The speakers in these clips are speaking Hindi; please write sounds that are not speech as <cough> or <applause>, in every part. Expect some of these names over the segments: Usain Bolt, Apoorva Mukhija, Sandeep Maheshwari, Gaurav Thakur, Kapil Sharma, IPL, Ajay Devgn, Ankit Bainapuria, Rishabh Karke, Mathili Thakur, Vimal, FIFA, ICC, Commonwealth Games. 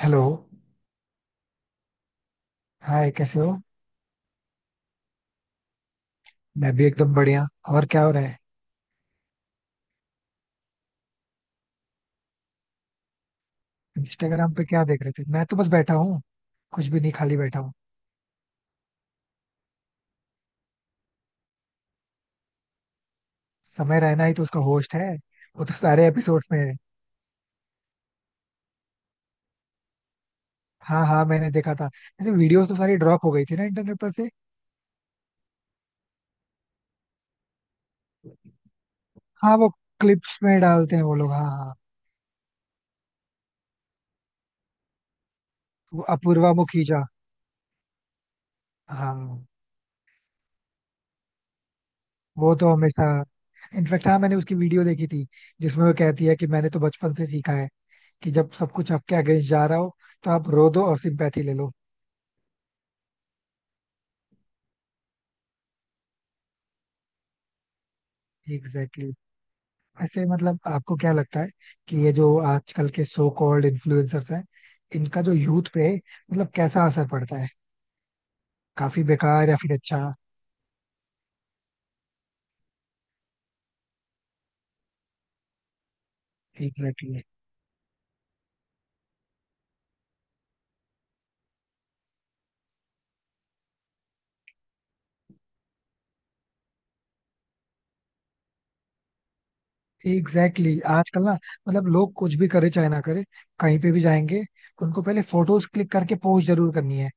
हेलो. हाय, कैसे हो? मैं भी एकदम बढ़िया. और क्या हो रहा है? इंस्टाग्राम पे क्या देख रहे थे? मैं तो बस बैठा हूँ, कुछ भी नहीं, खाली बैठा हूँ. समय रहना ही तो उसका होस्ट है. वो तो सारे एपिसोड्स में है. हाँ हाँ, मैंने देखा था. ऐसे वीडियोस तो सारी ड्रॉप हो गई थी ना इंटरनेट पर से. हाँ, वो क्लिप्स में डालते हैं वो लोग. हाँ हाँ, वो अपूर्वा मुखीजा. हाँ, वो तो हमेशा. इनफेक्ट हाँ, मैंने उसकी वीडियो देखी थी जिसमें वो कहती है कि मैंने तो बचपन से सीखा है कि जब सब कुछ आपके अगेंस्ट जा रहा हो तो आप रो दो और सिंपैथी ले लो. Exactly exactly. ऐसे मतलब आपको क्या लगता है कि ये जो आजकल के सो कॉल्ड इन्फ्लुएंसर्स हैं, इनका जो यूथ पे मतलब कैसा असर पड़ता है? काफी बेकार या फिर अच्छा? Exactly exactly. Exactly exactly. आजकल ना, मतलब लोग कुछ भी करे चाहे ना करे, कहीं पे भी जाएंगे, उनको पहले फोटोज क्लिक करके पोस्ट जरूर करनी है.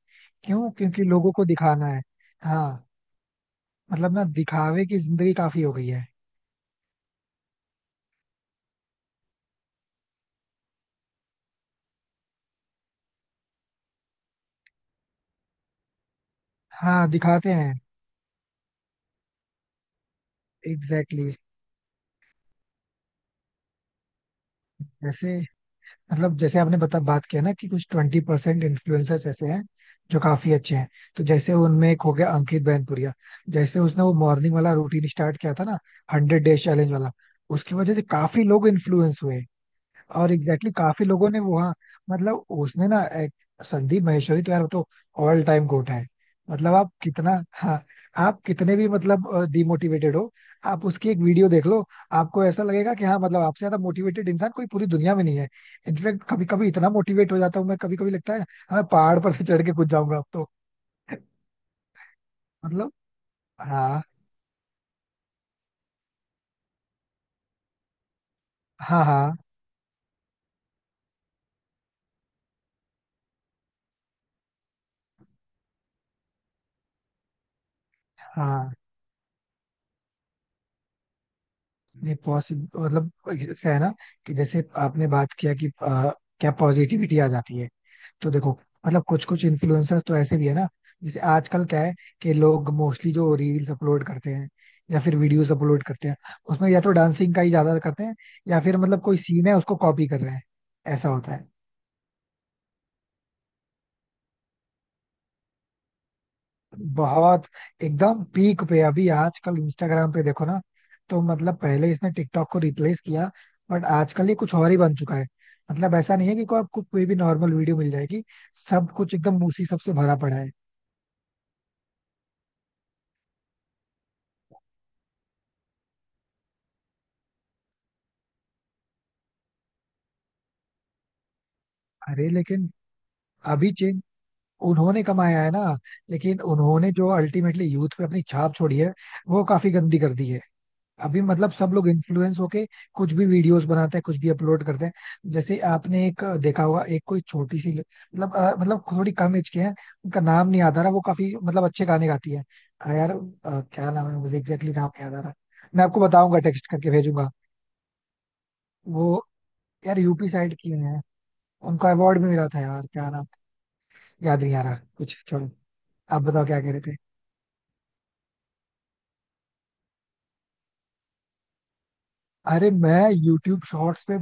क्यों? क्योंकि लोगों को दिखाना है. हाँ. मतलब ना दिखावे की जिंदगी काफी हो गई है. हाँ दिखाते हैं. Exactly exactly. जैसे मतलब, जैसे आपने बता बात किया ना कि कुछ 20% इन्फ्लुएंसर्स ऐसे हैं जो काफी अच्छे हैं. तो जैसे उनमें एक हो गया अंकित बैनपुरिया. जैसे उसने वो मॉर्निंग वाला रूटीन स्टार्ट किया था ना, 100 डेज चैलेंज वाला. उसकी वजह से काफी लोग इन्फ्लुएंस हुए. और एग्जैक्टली exactly काफी लोगों ने वो, हाँ मतलब उसने ना एक, संदीप महेश्वरी तो यार वो तो ऑल टाइम गोट है. मतलब आप कितना, हाँ आप कितने भी मतलब डिमोटिवेटेड हो, आप उसकी एक वीडियो देख लो, आपको ऐसा लगेगा कि हाँ, मतलब आपसे ज्यादा मोटिवेटेड इंसान कोई पूरी दुनिया में नहीं है. इनफैक्ट कभी कभी इतना मोटिवेट हो जाता हूँ मैं, कभी कभी लगता है हाँ, मैं पहाड़ पर से चढ़ के कूद जाऊंगा अब तो. मतलब हाँ हाँ हाँ हाँ, नहीं पॉसिबल मतलब. ऐसा है ना कि जैसे आपने बात किया कि क्या पॉजिटिविटी आ जाती है? तो देखो, मतलब कुछ कुछ इन्फ्लुएंसर्स तो ऐसे भी है ना, जैसे आजकल क्या है कि लोग मोस्टली जो रील्स अपलोड करते हैं या फिर वीडियोस अपलोड करते हैं, उसमें या तो डांसिंग का ही ज्यादा करते हैं या फिर मतलब कोई सीन है उसको कॉपी कर रहे हैं. ऐसा होता है. बहुत एकदम पीक पे अभी आजकल इंस्टाग्राम पे देखो ना, तो मतलब पहले इसने टिकटॉक को रिप्लेस किया, बट आजकल ये कुछ और ही बन चुका है. मतलब ऐसा नहीं है कि को आपको कोई भी नॉर्मल वीडियो मिल जाएगी. सब कुछ एकदम उसी सबसे भरा पड़ा है. अरे लेकिन अभी चेंज, उन्होंने कमाया है ना, लेकिन उन्होंने जो अल्टीमेटली यूथ पे अपनी छाप छोड़ी है, वो काफी गंदी कर दी है. अभी मतलब सब लोग इन्फ्लुएंस होके कुछ भी वीडियोस बनाते हैं, कुछ भी अपलोड करते हैं. जैसे आपने एक देखा होगा, एक कोई छोटी सी मतलब मतलब थोड़ी कम एज के हैं, उनका नाम नहीं याद आ रहा, वो काफी मतलब अच्छे गाने गाती है. यार क्या नाम है, मुझे एग्जैक्टली नाम नहीं याद आ रहा. मैं आपको बताऊंगा, टेक्स्ट करके भेजूंगा. वो यार यूपी साइड की है, उनको अवार्ड भी मिला था यार. क्या नाम, याद नहीं आ रहा, कुछ छोड़ो. आप बताओ क्या कह रहे थे? अरे मैं YouTube शॉर्ट्स पे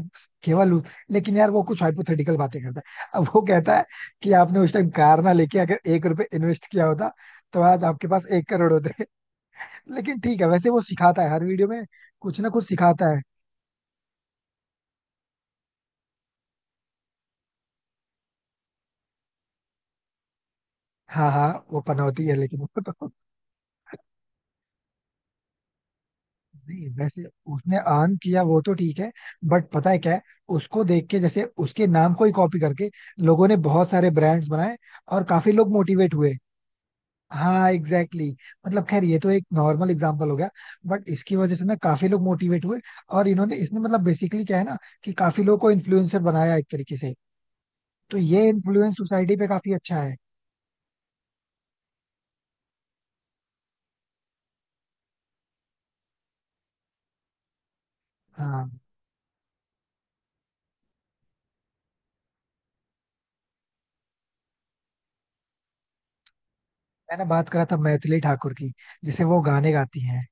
केवल उस- लेकिन यार वो कुछ हाइपोथेटिकल बातें करता है. अब वो कहता है कि आपने उस टाइम कार ना लेके अगर 1 रुपए इन्वेस्ट किया होता तो आज आपके पास 1 करोड़ होते <laughs> लेकिन ठीक है, वैसे वो सिखाता है हर वीडियो में कुछ ना कुछ सिखाता है. हाँ हाँ, वो पनौती है लेकिन वो तो <laughs> नहीं वैसे उसने अर्न किया वो तो ठीक है, बट पता है क्या है, उसको देख के जैसे उसके नाम को ही कॉपी करके लोगों ने बहुत सारे ब्रांड्स बनाए और काफी लोग मोटिवेट हुए. हाँ एग्जैक्टली exactly. मतलब खैर ये तो एक नॉर्मल एग्जांपल हो गया, बट इसकी वजह से ना काफी लोग मोटिवेट हुए. और इन्होंने इसने मतलब बेसिकली क्या है ना कि काफी लोगों को इन्फ्लुएंसर बनाया एक तरीके से. तो ये इन्फ्लुएंस सोसाइटी पे काफी अच्छा है. हाँ, मैंने बात करा था मैथिली ठाकुर की, जिसे वो गाने गाती हैं,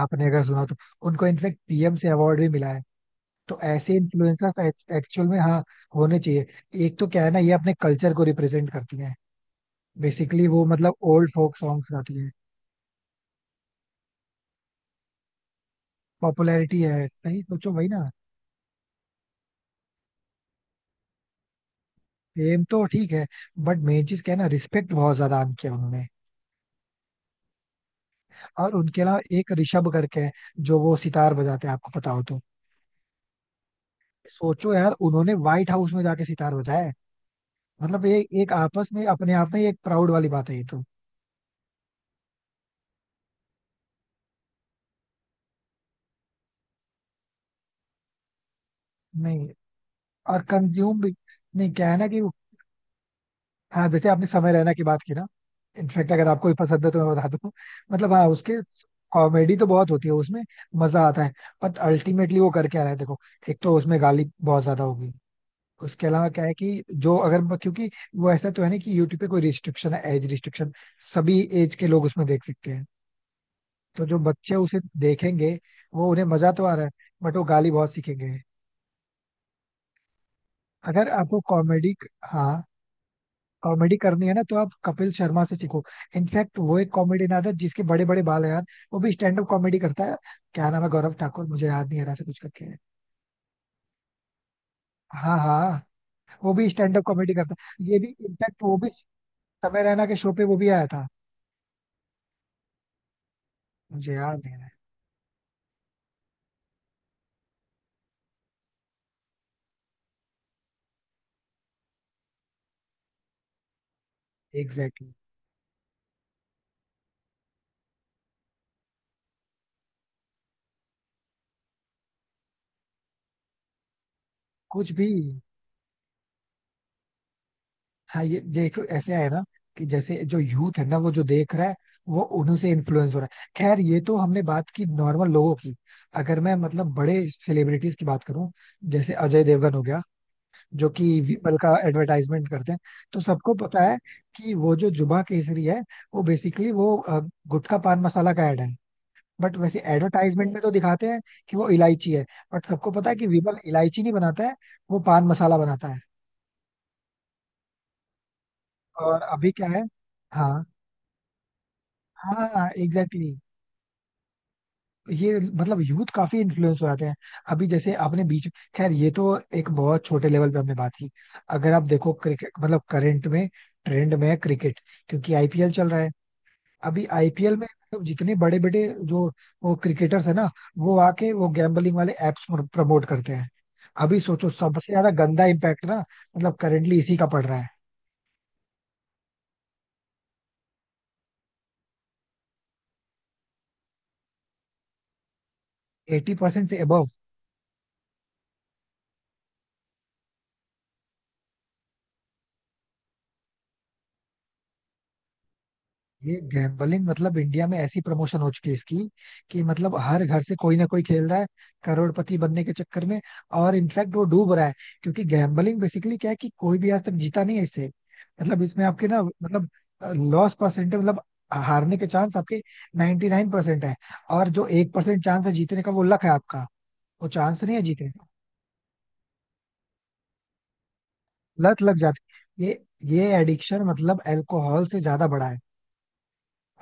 आपने अगर सुना हो तो. उनको इनफेक्ट पीएम से अवार्ड भी मिला है. तो ऐसे इन्फ्लुएंसर्स एक्चुअल में हाँ होने चाहिए. एक तो क्या है ना, ये अपने कल्चर को रिप्रेजेंट करती हैं. बेसिकली वो मतलब ओल्ड फोक सॉन्ग्स गाती हैं. पॉपुलैरिटी है, सही सोचो वही ना. फेम तो ठीक है, बट मेन चीज क्या है ना, रिस्पेक्ट बहुत ज्यादा अर्न किया उन्होंने. और उनके अलावा एक ऋषभ करके है, जो वो सितार बजाते हैं, आपको पता हो तो. सोचो यार, उन्होंने व्हाइट हाउस में जाके सितार बजाया है. मतलब ये एक आपस में, अपने आप में एक प्राउड वाली बात है ये तो. नहीं और कंज्यूम भी. नहीं क्या है ना कि वो, हाँ जैसे आपने समय रहना की बात की ना, इनफैक्ट अगर आपको भी पसंद है तो मैं बता दूं <laughs> मतलब हाँ उसके, कॉमेडी तो बहुत होती है उसमें, मजा आता है, बट अल्टीमेटली वो कर क्या रहा है देखो. एक तो उसमें गाली बहुत ज्यादा होगी. उसके अलावा क्या है कि जो, अगर क्योंकि वो ऐसा तो है नहीं कि यूट्यूब पे कोई रिस्ट्रिक्शन है, एज रिस्ट्रिक्शन. सभी एज के लोग उसमें देख सकते हैं. तो जो बच्चे उसे देखेंगे, वो उन्हें मजा तो आ रहा है बट वो गाली बहुत सीखेंगे. अगर आपको कॉमेडी, हाँ कॉमेडी करनी है ना तो आप कपिल शर्मा से सीखो. इनफैक्ट वो एक कॉमेडियन था जिसके बड़े बड़े बाल है यार, वो भी स्टैंड अप कॉमेडी करता है. क्या नाम है, गौरव ठाकुर, मुझे याद नहीं आ रहा, से कुछ करके है. हाँ हाँ, वो भी स्टैंड अप कॉमेडी करता है. ये भी इनफैक्ट वो भी समय रैना के शो पे वो भी आया था. मुझे याद नहीं रहा. Exactly exactly. कुछ भी हाँ, ये देखो ऐसे है ना कि जैसे जो यूथ है ना, वो जो देख रहा है, वो उन्हीं से इन्फ्लुएंस हो रहा है. खैर ये तो हमने बात की नॉर्मल लोगों की. अगर मैं मतलब बड़े सेलिब्रिटीज की बात करूं, जैसे अजय देवगन हो गया, जो कि विपल का एडवर्टाइजमेंट करते हैं. तो सबको पता है कि वो जो जुबा केसरी है, वो बेसिकली वो गुटखा पान मसाला का ऐड है. बट वैसे एडवर्टाइजमेंट में तो दिखाते हैं कि वो इलायची है. बट सबको पता है कि विपल इलायची नहीं बनाता है, वो पान मसाला बनाता है. और अभी क्या है, हाँ हाँ एग्जैक्टली exactly. ये मतलब यूथ काफी इन्फ्लुएंस हो जाते हैं. अभी जैसे आपने बीच, खैर ये तो एक बहुत छोटे लेवल पे हमने बात की. अगर आप देखो क्रिकेट, मतलब करंट में ट्रेंड में है क्रिकेट, क्योंकि आईपीएल चल रहा है. अभी आईपीएल में मतलब जितने बड़े बड़े जो वो क्रिकेटर्स है ना, वो आके वो गैम्बलिंग वाले एप्स प्रमोट करते हैं. अभी सोचो सबसे ज्यादा गंदा इम्पैक्ट ना, मतलब करेंटली इसी का पड़ रहा है. 80% से अबव. ये गैम्बलिंग मतलब इंडिया में ऐसी प्रमोशन हो चुकी है इसकी कि मतलब हर घर से कोई ना कोई खेल रहा है, करोड़पति बनने के चक्कर में. और इनफैक्ट वो डूब रहा है, क्योंकि गैम्बलिंग बेसिकली क्या है कि कोई भी आज तक जीता नहीं है इससे. मतलब इसमें आपके ना, मतलब लॉस परसेंट है, मतलब हारने के चांस आपके 99% 9% है. और जो 1% चांस है जीतने का, वो लक है आपका, वो चांस नहीं है जीतने का. लत लग जाती है. ये एडिक्शन मतलब अल्कोहल से ज्यादा बड़ा है.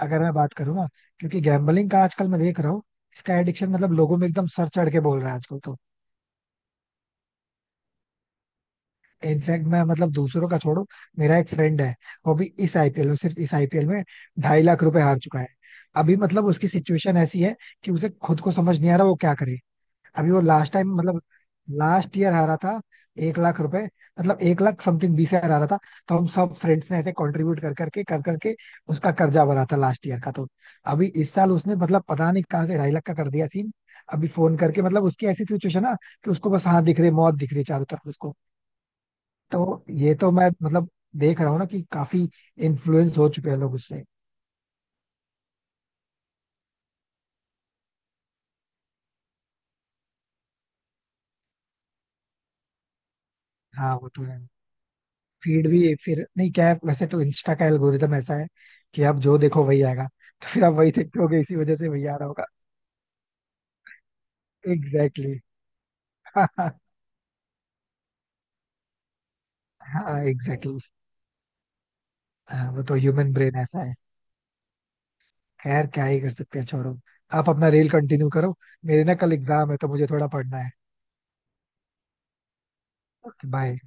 अगर मैं बात करूँ ना, क्योंकि गैम्बलिंग का आजकल मैं देख रहा हूँ, इसका एडिक्शन मतलब लोगों में एकदम सर चढ़ के बोल रहा है आजकल तो. इनफैक्ट मैं मतलब दूसरों का छोड़ो, मेरा एक फ्रेंड है, वो भी इस आईपीएल में, सिर्फ इस आईपीएल में 2.5 लाख रुपए हार चुका है. अभी मतलब उसकी सिचुएशन ऐसी है कि उसे खुद को समझ नहीं आ रहा वो क्या करे. अभी वो लास्ट टाइम मतलब लास्ट ईयर हारा था 1 लाख रुपए, मतलब 1 लाख समथिंग 20 हजार हारा था. तो हम सब फ्रेंड्स ने ऐसे कंट्रीब्यूट कर करके उसका कर्जा भरा था लास्ट ईयर का. तो अभी इस साल उसने मतलब पता नहीं कहाँ से 2.5 लाख का कर दिया सीन. अभी फोन करके मतलब उसकी ऐसी सिचुएशन ना कि उसको बस हाथ दिख रही है, मौत दिख रही है चारों तरफ उसको. तो ये तो मैं मतलब देख रहा हूँ ना कि काफी इन्फ्लुएंस हो चुके हैं लोग उससे. हाँ वो तो है. फीड भी फिर, नहीं क्या है, वैसे तो इंस्टा का एल्गोरिदम ऐसा है कि आप जो देखो वही आएगा. तो फिर आप वही देखते होगे, इसी वजह से वही आ रहा होगा. Exactly exactly. <laughs> हाँ एग्जैक्टली exactly. हाँ वो तो ह्यूमन ब्रेन ऐसा है. खैर क्या ही कर सकते हैं, छोड़ो, आप अपना रेल कंटिन्यू करो. मेरे ना कल एग्जाम है तो मुझे थोड़ा पढ़ना है. Okay bye.